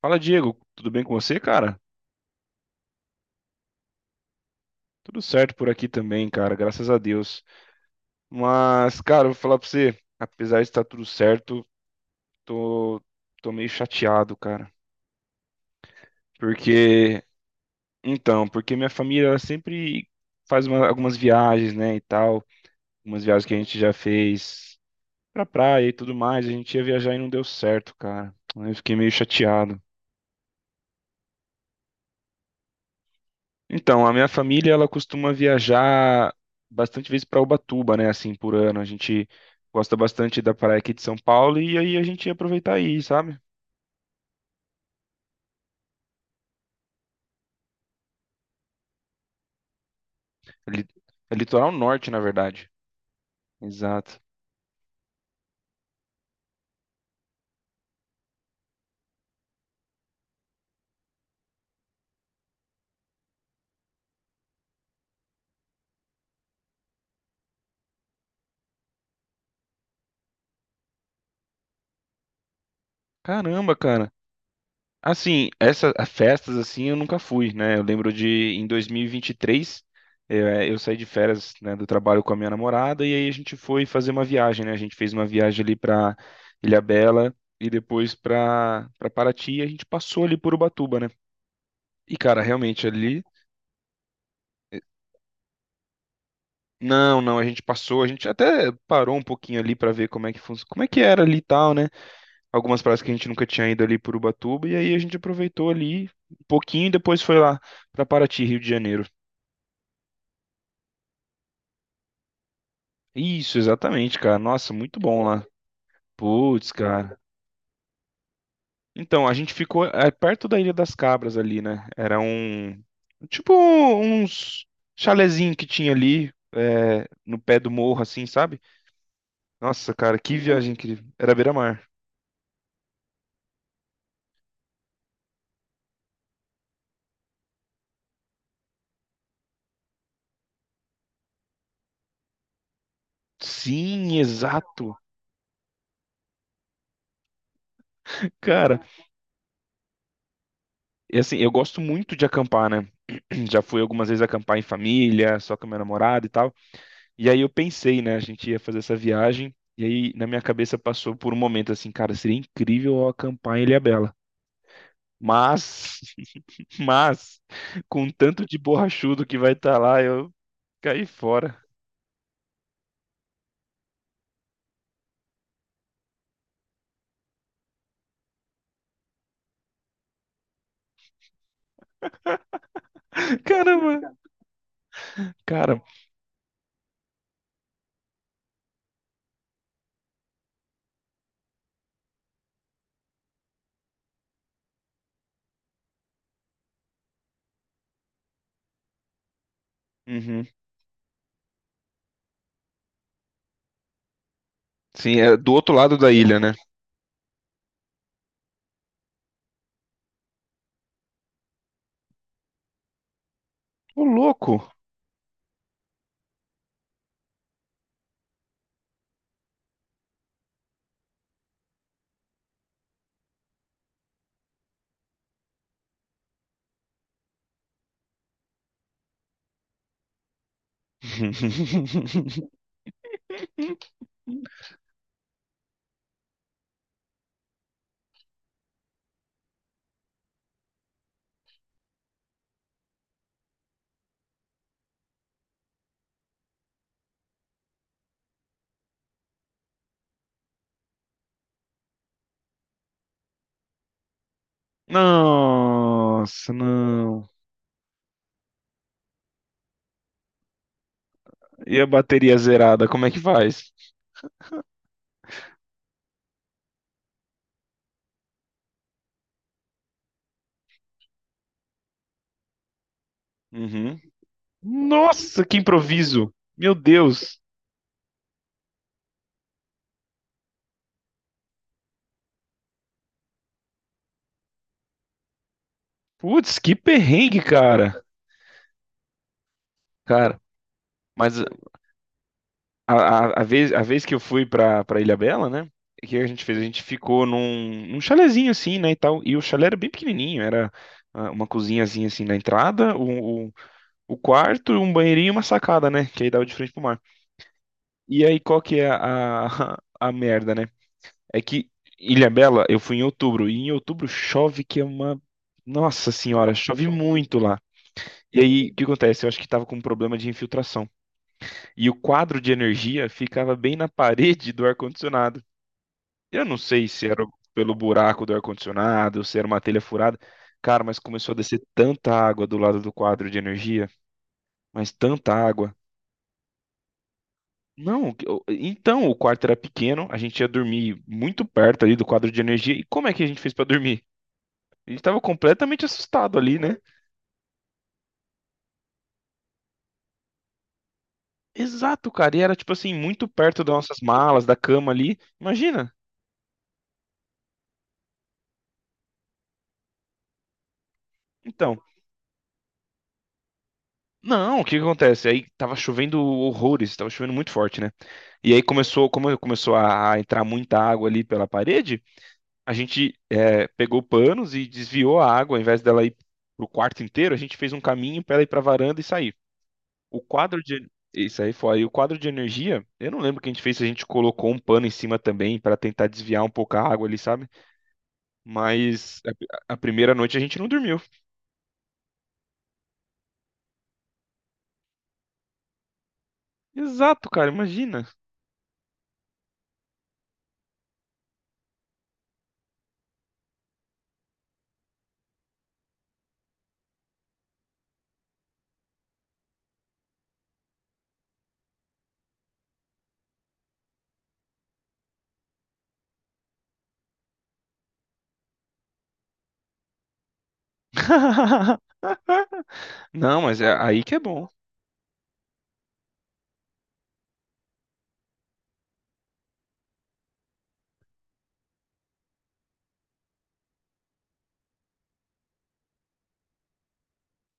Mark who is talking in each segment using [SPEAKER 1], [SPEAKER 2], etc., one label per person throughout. [SPEAKER 1] Fala, Diego. Tudo bem com você, cara? Tudo certo por aqui também, cara. Graças a Deus. Mas, cara, eu vou falar pra você, apesar de estar tudo certo, tô, tô meio chateado, cara. Porque, então, porque minha família ela sempre algumas viagens, né, e tal. Algumas viagens que a gente já fez pra praia e tudo mais. A gente ia viajar e não deu certo, cara. Aí eu fiquei meio chateado. Então, a minha família, ela costuma viajar bastante vezes para Ubatuba, né, assim, por ano. A gente gosta bastante da praia aqui de São Paulo e aí a gente ia aproveitar aí, sabe? É li- É litoral norte, na verdade. Exato. Caramba, cara. Assim, essas festas assim eu nunca fui, né? Eu lembro de em 2023, eu saí de férias, né, do trabalho com a minha namorada e aí a gente foi fazer uma viagem, né? A gente fez uma viagem ali para Ilhabela e depois para Paraty e a gente passou ali por Ubatuba, né? E cara, realmente ali. Não, não, a gente passou, a gente até parou um pouquinho ali para ver como é que funciona, como é que era ali e tal, né? Algumas praias que a gente nunca tinha ido ali por Ubatuba e aí a gente aproveitou ali um pouquinho e depois foi lá para Paraty, Rio de Janeiro. Isso, exatamente, cara. Nossa, muito bom lá. Putz, cara. Então, a gente ficou, é, perto da Ilha das Cabras ali, né? Era um. Tipo, uns chalezinho que tinha ali, é, no pé do morro, assim, sabe? Nossa, cara, que viagem incrível. Era beira-mar. Sim, exato. Cara, e assim, eu gosto muito de acampar, né? Já fui algumas vezes acampar em família, só com a minha namorada e tal. E aí eu pensei, né, a gente ia fazer essa viagem, e aí na minha cabeça passou por um momento assim, cara, seria incrível eu acampar em Ilhabela. Mas, mas, com tanto de borrachudo que vai estar lá, eu caí fora. Caramba, cara. Uhum. Sim, é do outro lado da ilha, né? Ô, louco. Nossa, não. E a bateria zerada, como é que faz? Uhum. Nossa, que improviso! Meu Deus! Putz, que perrengue, cara. Cara, mas a vez que eu fui pra, pra Ilhabela, né? O que a gente fez? A gente ficou num, num chalezinho assim, né, e tal. E o chalé era bem pequenininho, era, ah, uma cozinhazinha assim na entrada, o quarto, um banheirinho e uma sacada, né? Que aí dava de frente pro mar. E aí, qual que é a merda, né? É que Ilhabela, eu fui em outubro, e em outubro chove que é uma... Nossa senhora, chove muito lá. E aí, o que acontece? Eu acho que tava com um problema de infiltração. E o quadro de energia ficava bem na parede do ar-condicionado. Eu não sei se era pelo buraco do ar-condicionado, se era uma telha furada. Cara, mas começou a descer tanta água do lado do quadro de energia, mas tanta água. Não, que- eu- então o quarto era pequeno, a gente ia dormir muito perto ali do quadro de energia. E como é que a gente fez pra dormir? A gente tava completamente assustado ali, né? Exato, cara, e era tipo assim, muito perto das nossas malas, da cama ali. Imagina. Então, não, o que que acontece? Aí tava chovendo horrores, tava chovendo muito forte, né? E aí começou, como começou a entrar muita água ali pela parede, a gente, pegou panos e desviou a água, ao invés dela ir pro quarto inteiro, a gente fez um caminho para ela ir pra varanda e sair. O quadro de isso aí foi aí o quadro de energia. Eu não lembro o que a gente fez, se a gente colocou um pano em cima também para tentar desviar um pouco a água ali, sabe? Mas a primeira noite a gente não dormiu. Exato, cara, imagina. Não, mas é aí que é bom.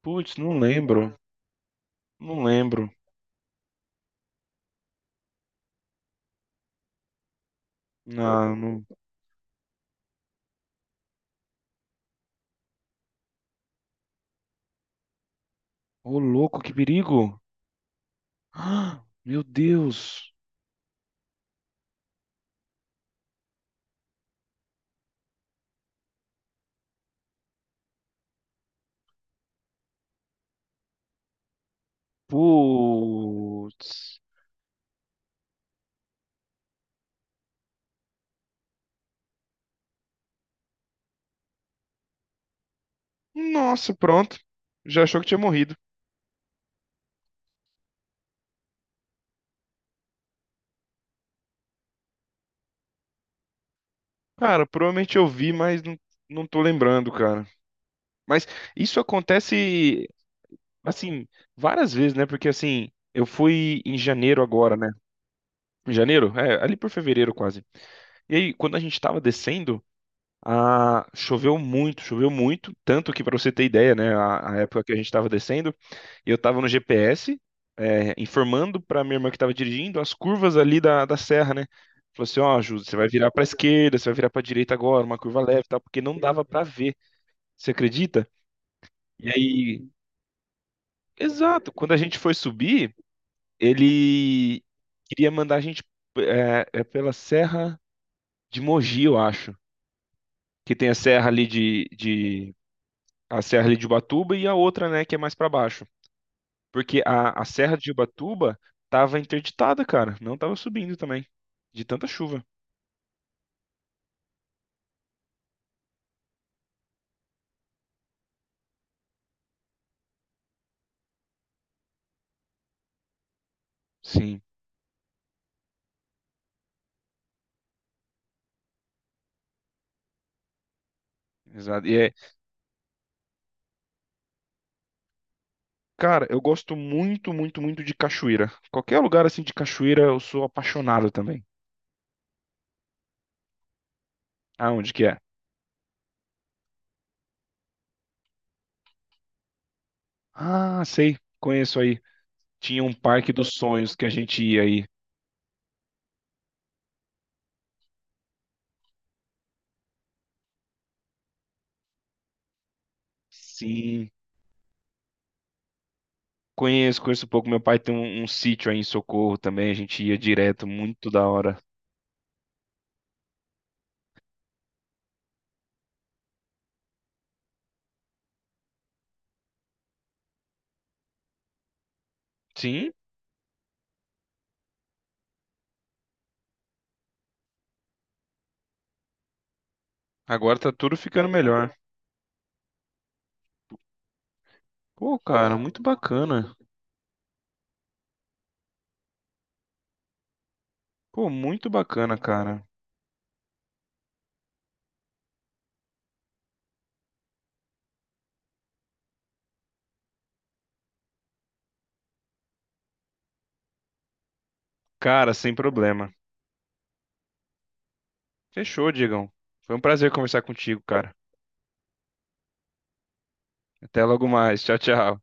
[SPEAKER 1] Putz, não lembro. Não lembro. Ah, não... Ô, louco, que perigo! Ah, meu Deus! Putz! Nossa, pronto. Já achou que tinha morrido. Cara, provavelmente eu vi, mas não, não tô lembrando, cara. Mas isso acontece, assim, várias vezes, né? Porque, assim, eu fui em janeiro agora, né? Em janeiro? É, ali por fevereiro quase. E aí, quando a gente tava descendo. Ah, choveu muito, tanto que para você ter ideia, né, a época que a gente estava descendo, eu estava no GPS, é, informando para minha irmã que estava dirigindo as curvas ali da, da serra, né? Falou assim, ó, Ju, você vai virar para esquerda, você vai virar para direita agora, uma curva leve, e tal, porque não dava para ver. Você acredita? E aí, exato, quando a gente foi subir, ele queria mandar a gente, é pela serra de Mogi, eu acho, que tem a serra ali de, a Serra ali de Ubatuba e a outra, né, que é mais pra baixo. Porque a Serra de Ubatuba tava interditada, cara. Não tava subindo também, de tanta chuva. Sim, exato. E é, cara, eu gosto muito, muito, muito de cachoeira. Qualquer lugar assim de cachoeira, eu sou apaixonado também. Ah, onde que é? Ah, sei, conheço aí. Tinha um parque dos sonhos que a gente ia aí. Sim, conheço, conheço um pouco. Meu pai tem um, um sítio aí em Socorro também, a gente ia direto, muito da hora. Sim, agora tá tudo ficando melhor. Pô, cara, muito bacana. Pô, muito bacana, cara. Cara, sem problema. Fechou, Diegão. Foi um prazer conversar contigo, cara. Até logo mais. Tchau, tchau.